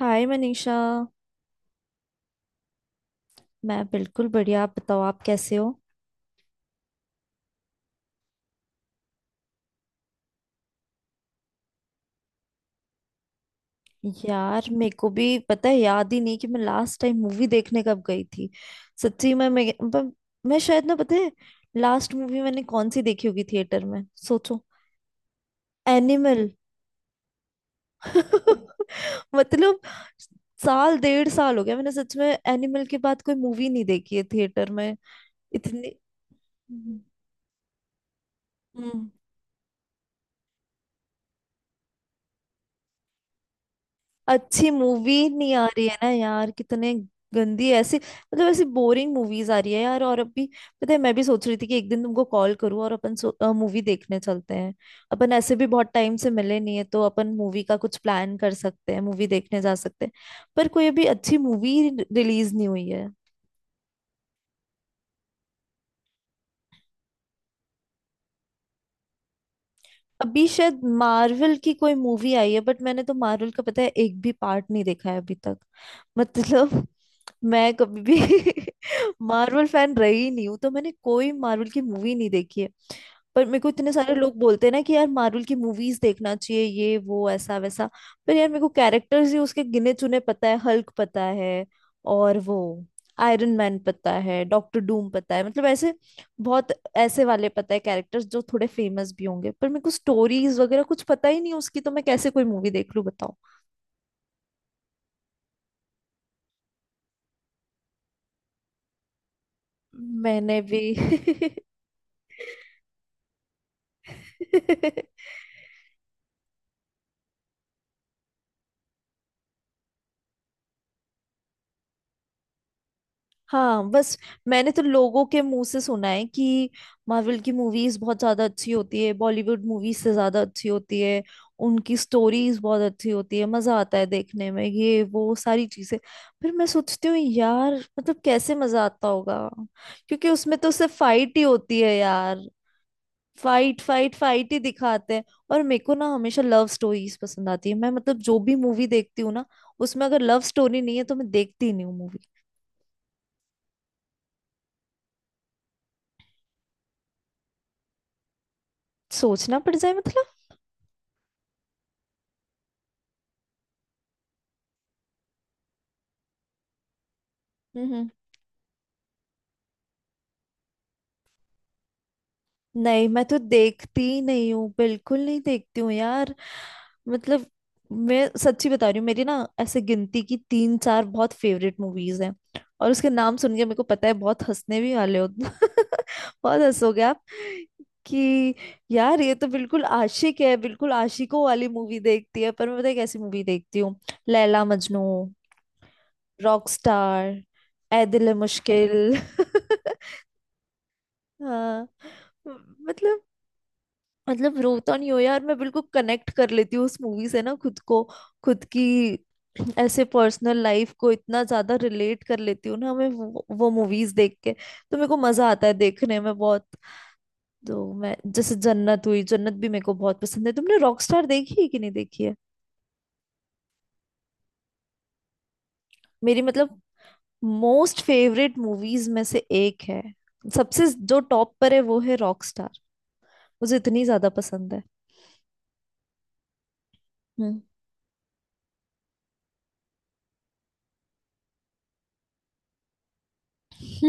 हाय मनीषा। मैं बिल्कुल बढ़िया। आप बताओ, आप कैसे हो? यार, मेरे को भी पता है, याद ही नहीं कि मैं लास्ट टाइम मूवी देखने कब गई थी। सच्ची, मैं, मैं शायद, ना पता है। लास्ट मूवी मैंने कौन सी देखी होगी थिएटर में? सोचो। एनिमल। मतलब, साल डेढ़ साल हो गया, मैंने सच में एनिमल के बाद कोई मूवी नहीं देखी है थिएटर में, इतनी। हम्म अच्छी मूवी नहीं आ रही है ना यार, कितने गंदी ऐसी, मतलब ऐसी बोरिंग मूवीज आ रही है यार, और अभी पता है, मैं भी सोच रही थी कि एक दिन तुमको कॉल करूं और अपन मूवी देखने चलते हैं। अपन ऐसे भी बहुत टाइम से मिले नहीं है, तो अपन मूवी का कुछ प्लान कर सकते हैं, मूवी देखने जा सकते हैं। पर कोई अभी अच्छी मूवी रिलीज नहीं हुई है। अभी शायद मार्वल की कोई मूवी आई है, बट मैंने तो मार्वल का, पता है, एक भी पार्ट नहीं देखा है अभी तक। मतलब मैं कभी भी मार्वल फैन रही नहीं हूँ, तो मैंने कोई मार्वल की मूवी नहीं देखी है। पर मेरे को इतने सारे लोग बोलते हैं ना कि यार मार्वल की मूवीज देखना चाहिए, ये वो, ऐसा वैसा। पर यार, मेरे को कैरेक्टर्स ही उसके गिने चुने, पता है हल्क, पता है, और वो आयरन मैन, पता है डॉक्टर डूम, पता है, मतलब ऐसे बहुत ऐसे वाले, पता है कैरेक्टर्स जो थोड़े फेमस भी होंगे, पर मेरे को स्टोरीज वगैरह कुछ पता ही नहीं उसकी, तो मैं कैसे कोई मूवी देख लूं बताओ। मैंने भी। हाँ, बस। मैंने तो लोगों के मुंह से सुना है कि मार्वल की मूवीज बहुत ज्यादा अच्छी होती है, बॉलीवुड मूवीज से ज्यादा अच्छी होती है। उनकी स्टोरीज बहुत अच्छी होती है, मजा आता है देखने में, ये वो सारी चीजें। फिर मैं सोचती हूँ यार, मतलब कैसे मजा आता होगा, क्योंकि उसमें तो सिर्फ फाइट ही होती है यार। फाइट फाइट फाइट ही दिखाते हैं। और मेरे को ना हमेशा लव स्टोरीज पसंद आती है। मैं मतलब जो भी मूवी देखती हूँ ना, उसमें अगर लव स्टोरी नहीं है तो मैं देखती ही नहीं हूँ मूवी। सोचना पड़ जाए, मतलब? हम्म। नहीं, मैं तो देखती ही नहीं हूँ, बिल्कुल नहीं देखती हूँ यार, मतलब। मैं सच्ची बता रही हूँ, मेरी ना ऐसे गिनती की तीन चार बहुत फेवरेट मूवीज हैं। और उसके नाम सुन के, मेरे को पता है, बहुत हंसने भी वाले हो। बहुत हंसोगे आप कि यार, ये तो बिल्कुल आशिक है, बिल्कुल आशिकों वाली मूवी देखती है, पर मैं पता है कैसी मूवी देखती हूँ। लैला मजनू। रॉकस्टार। ए दिल है मुश्किल। हाँ। मतलब मतलब रोता नहीं हो यार, मैं बिल्कुल कनेक्ट कर लेती हूँ उस मूवी से ना खुद को, खुद की ऐसे पर्सनल लाइफ को इतना ज्यादा रिलेट कर लेती हूँ ना मैं, वो मूवीज देख के तो मेरे को मजा आता है देखने में बहुत। तो मैं, जैसे जन्नत हुई, जन्नत भी मेरे को बहुत पसंद है। तुमने रॉकस्टार देखी है कि नहीं देखी है? मेरी मतलब मोस्ट फेवरेट मूवीज में से एक है, सबसे जो टॉप पर है वो है रॉकस्टार। मुझे इतनी ज्यादा पसंद है। हम्म।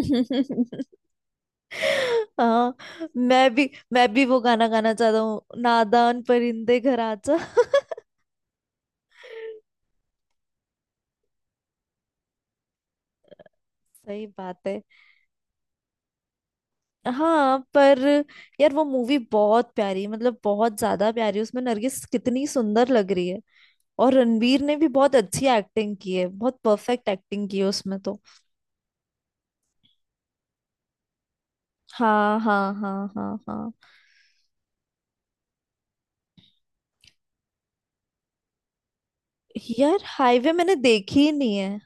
हाँ, मैं भी वो गाना गाना चाहता हूँ, नादान परिंदे घर आजा। सही बात है। हाँ, पर यार वो मूवी बहुत प्यारी, मतलब बहुत ज्यादा प्यारी, उसमें नरगिस कितनी सुंदर लग रही है। और रणवीर ने भी बहुत अच्छी एक्टिंग की है, बहुत परफेक्ट एक्टिंग की है उसमें तो। हाँ, हाँ, हाँ, हाँ, हाँ। यार हाईवे मैंने देखी ही नहीं है।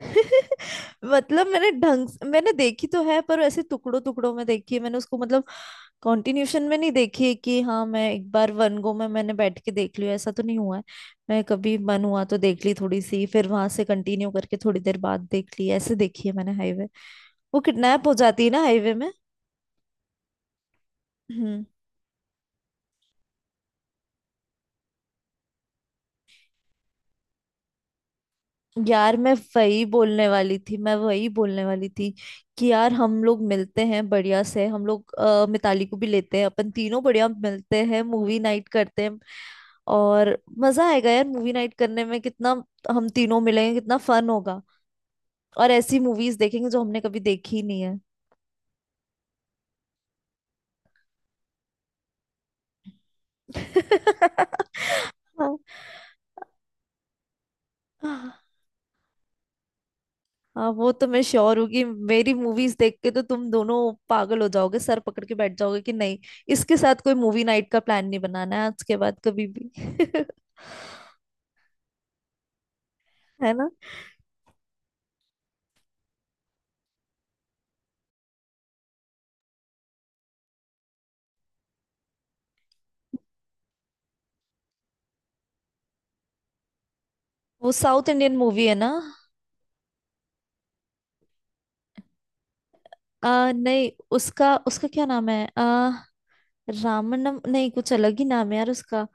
मतलब, मैंने देखी तो है, पर ऐसे टुकड़ों टुकड़ों में देखी है मैंने उसको, मतलब कंटिन्यूशन में नहीं देखी है कि हाँ, मैं एक बार वन गो में मैंने बैठ के देख लिया, ऐसा तो नहीं हुआ है। मैं कभी मन हुआ तो देख ली थोड़ी सी, फिर वहां से कंटिन्यू करके थोड़ी देर बाद देख ली, ऐसे देखी है मैंने हाईवे। वो किडनैप हो जाती है ना हाईवे में। हम्म यार, मैं वही बोलने वाली थी, मैं वही बोलने वाली थी कि यार हम लोग मिलते हैं बढ़िया से, हम लोग मिताली को भी लेते हैं, अपन तीनों बढ़िया मिलते हैं, मूवी नाइट करते हैं। और मजा आएगा यार मूवी नाइट करने में कितना, हम तीनों मिलेंगे, कितना फन होगा। और ऐसी मूवीज देखेंगे जो हमने कभी देखी नहीं है। हाँ। हाँ, हाँ, वो तो मैं श्योर हूँ कि मेरी मूवीज देख के तो तुम दोनों पागल हो जाओगे, सर पकड़ के बैठ जाओगे कि नहीं, इसके साथ कोई मूवी नाइट का प्लान नहीं बनाना है आज के बाद कभी भी। है ना? वो साउथ इंडियन मूवी है ना? नहीं, उसका उसका क्या नाम है रामनम नहीं, कुछ अलग ही नाम है यार उसका।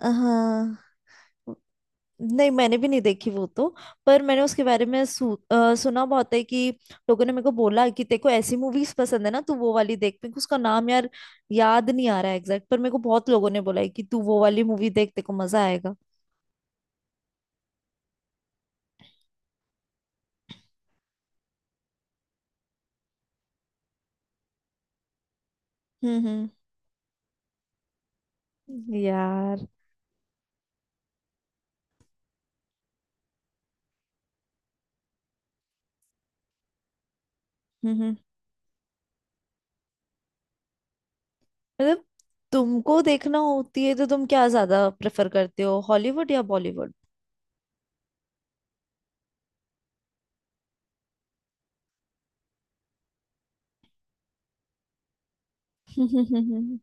हाँ, नहीं मैंने भी नहीं देखी वो तो, पर मैंने उसके बारे में सुना बहुत है कि लोगों ने मेरे को बोला कि तेरे को ऐसी मूवीज पसंद है ना तू वो वाली देख। मेरे को उसका नाम यार याद नहीं आ रहा है एग्जैक्ट, पर मेरे को बहुत लोगों ने बोला है कि तू वो वाली मूवी देख, तेरे को मजा आएगा। हम्म, हम्म। यार, हम्म, हम्म। मतलब तुमको देखना होती है तो तुम क्या ज्यादा प्रेफर करते हो, हॉलीवुड या बॉलीवुड?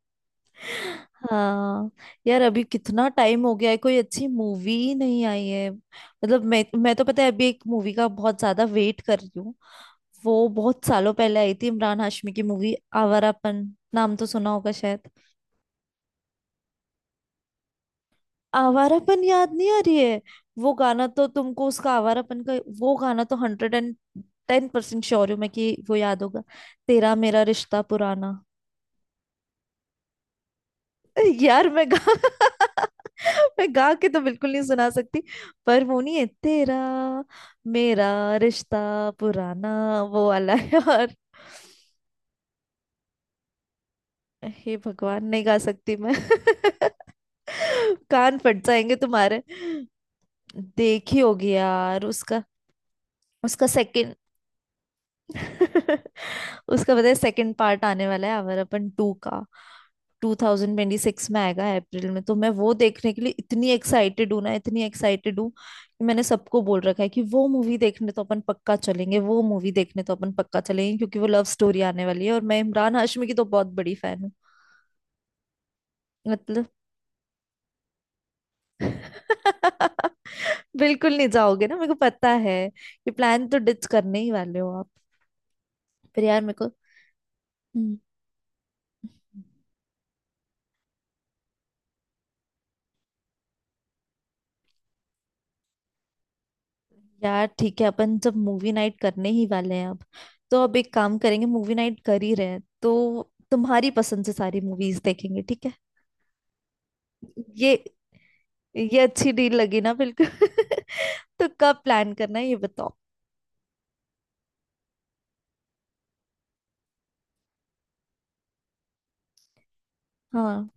हाँ यार, अभी कितना टाइम हो गया है, कोई अच्छी मूवी ही नहीं आई है, मतलब मैं तो पता है अभी एक मूवी का बहुत ज्यादा वेट कर रही हूँ। वो बहुत सालों पहले आई थी इमरान हाशमी की मूवी, आवारापन, नाम तो सुना होगा शायद। आवारापन याद नहीं आ रही है? वो गाना तो तुमको उसका आवारापन का, वो गाना तो 110% श्योर हूँ मैं कि वो याद होगा, तेरा मेरा रिश्ता पुराना। यार मैं गा मैं गा के तो बिल्कुल नहीं सुना सकती, पर वो नहीं है, तेरा मेरा रिश्ता पुराना, वो वाला है। यार, हे भगवान नहीं गा सकती मैं। कान फट जाएंगे तुम्हारे। देखी होगी यार, उसका उसका सेकंड उसका पता है सेकंड पार्ट आने वाला है, अवर अपन टू का, 2026 में आएगा अप्रैल में। तो मैं वो देखने के लिए इतनी एक्साइटेड हूँ ना, इतनी एक्साइटेड हूँ कि मैंने सबको बोल रखा है कि वो मूवी देखने तो अपन पक्का चलेंगे, वो मूवी देखने तो अपन पक्का चलेंगे, क्योंकि वो लव स्टोरी आने वाली है, और मैं इमरान हाशमी की तो बहुत बड़ी फैन हूँ। मतलब। बिल्कुल नहीं जाओगे ना, मेरे को पता है कि प्लान तो डिच करने ही वाले हो आप। पर यार मेरे को। हम्म यार, ठीक है अपन जब मूवी नाइट करने ही वाले हैं अब, तो अब एक काम करेंगे, मूवी नाइट कर ही रहे हैं तो तुम्हारी पसंद से सारी मूवीज देखेंगे, ठीक है? ये ये अच्छी डील लगी ना, बिल्कुल। तो कब प्लान करना है ये बताओ। हाँ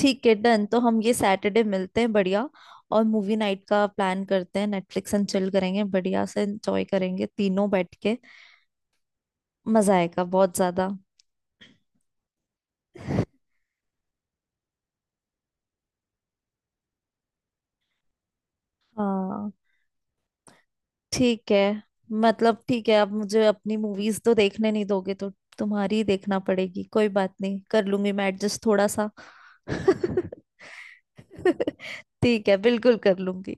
ठीक है, डन। तो हम ये सैटरडे मिलते हैं बढ़िया, और मूवी नाइट का प्लान करते हैं, नेटफ्लिक्स एंड चिल करेंगे बढ़िया से, एंजॉय करेंगे तीनों बैठ के, मजा आएगा बहुत ज्यादा। हाँ, ठीक है। मतलब ठीक है, अब मुझे अपनी मूवीज तो देखने नहीं दोगे तो तुम्हारी ही देखना पड़ेगी, कोई बात नहीं, कर लूंगी मैं एडजस्ट थोड़ा सा। ठीक है, बिल्कुल कर लूंगी।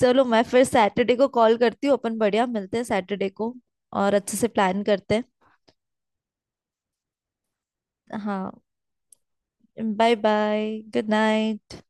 चलो, मैं फिर सैटरडे को कॉल करती हूँ, अपन बढ़िया मिलते हैं सैटरडे को, और अच्छे से प्लान करते हैं, हाँ। Bye bye, good night.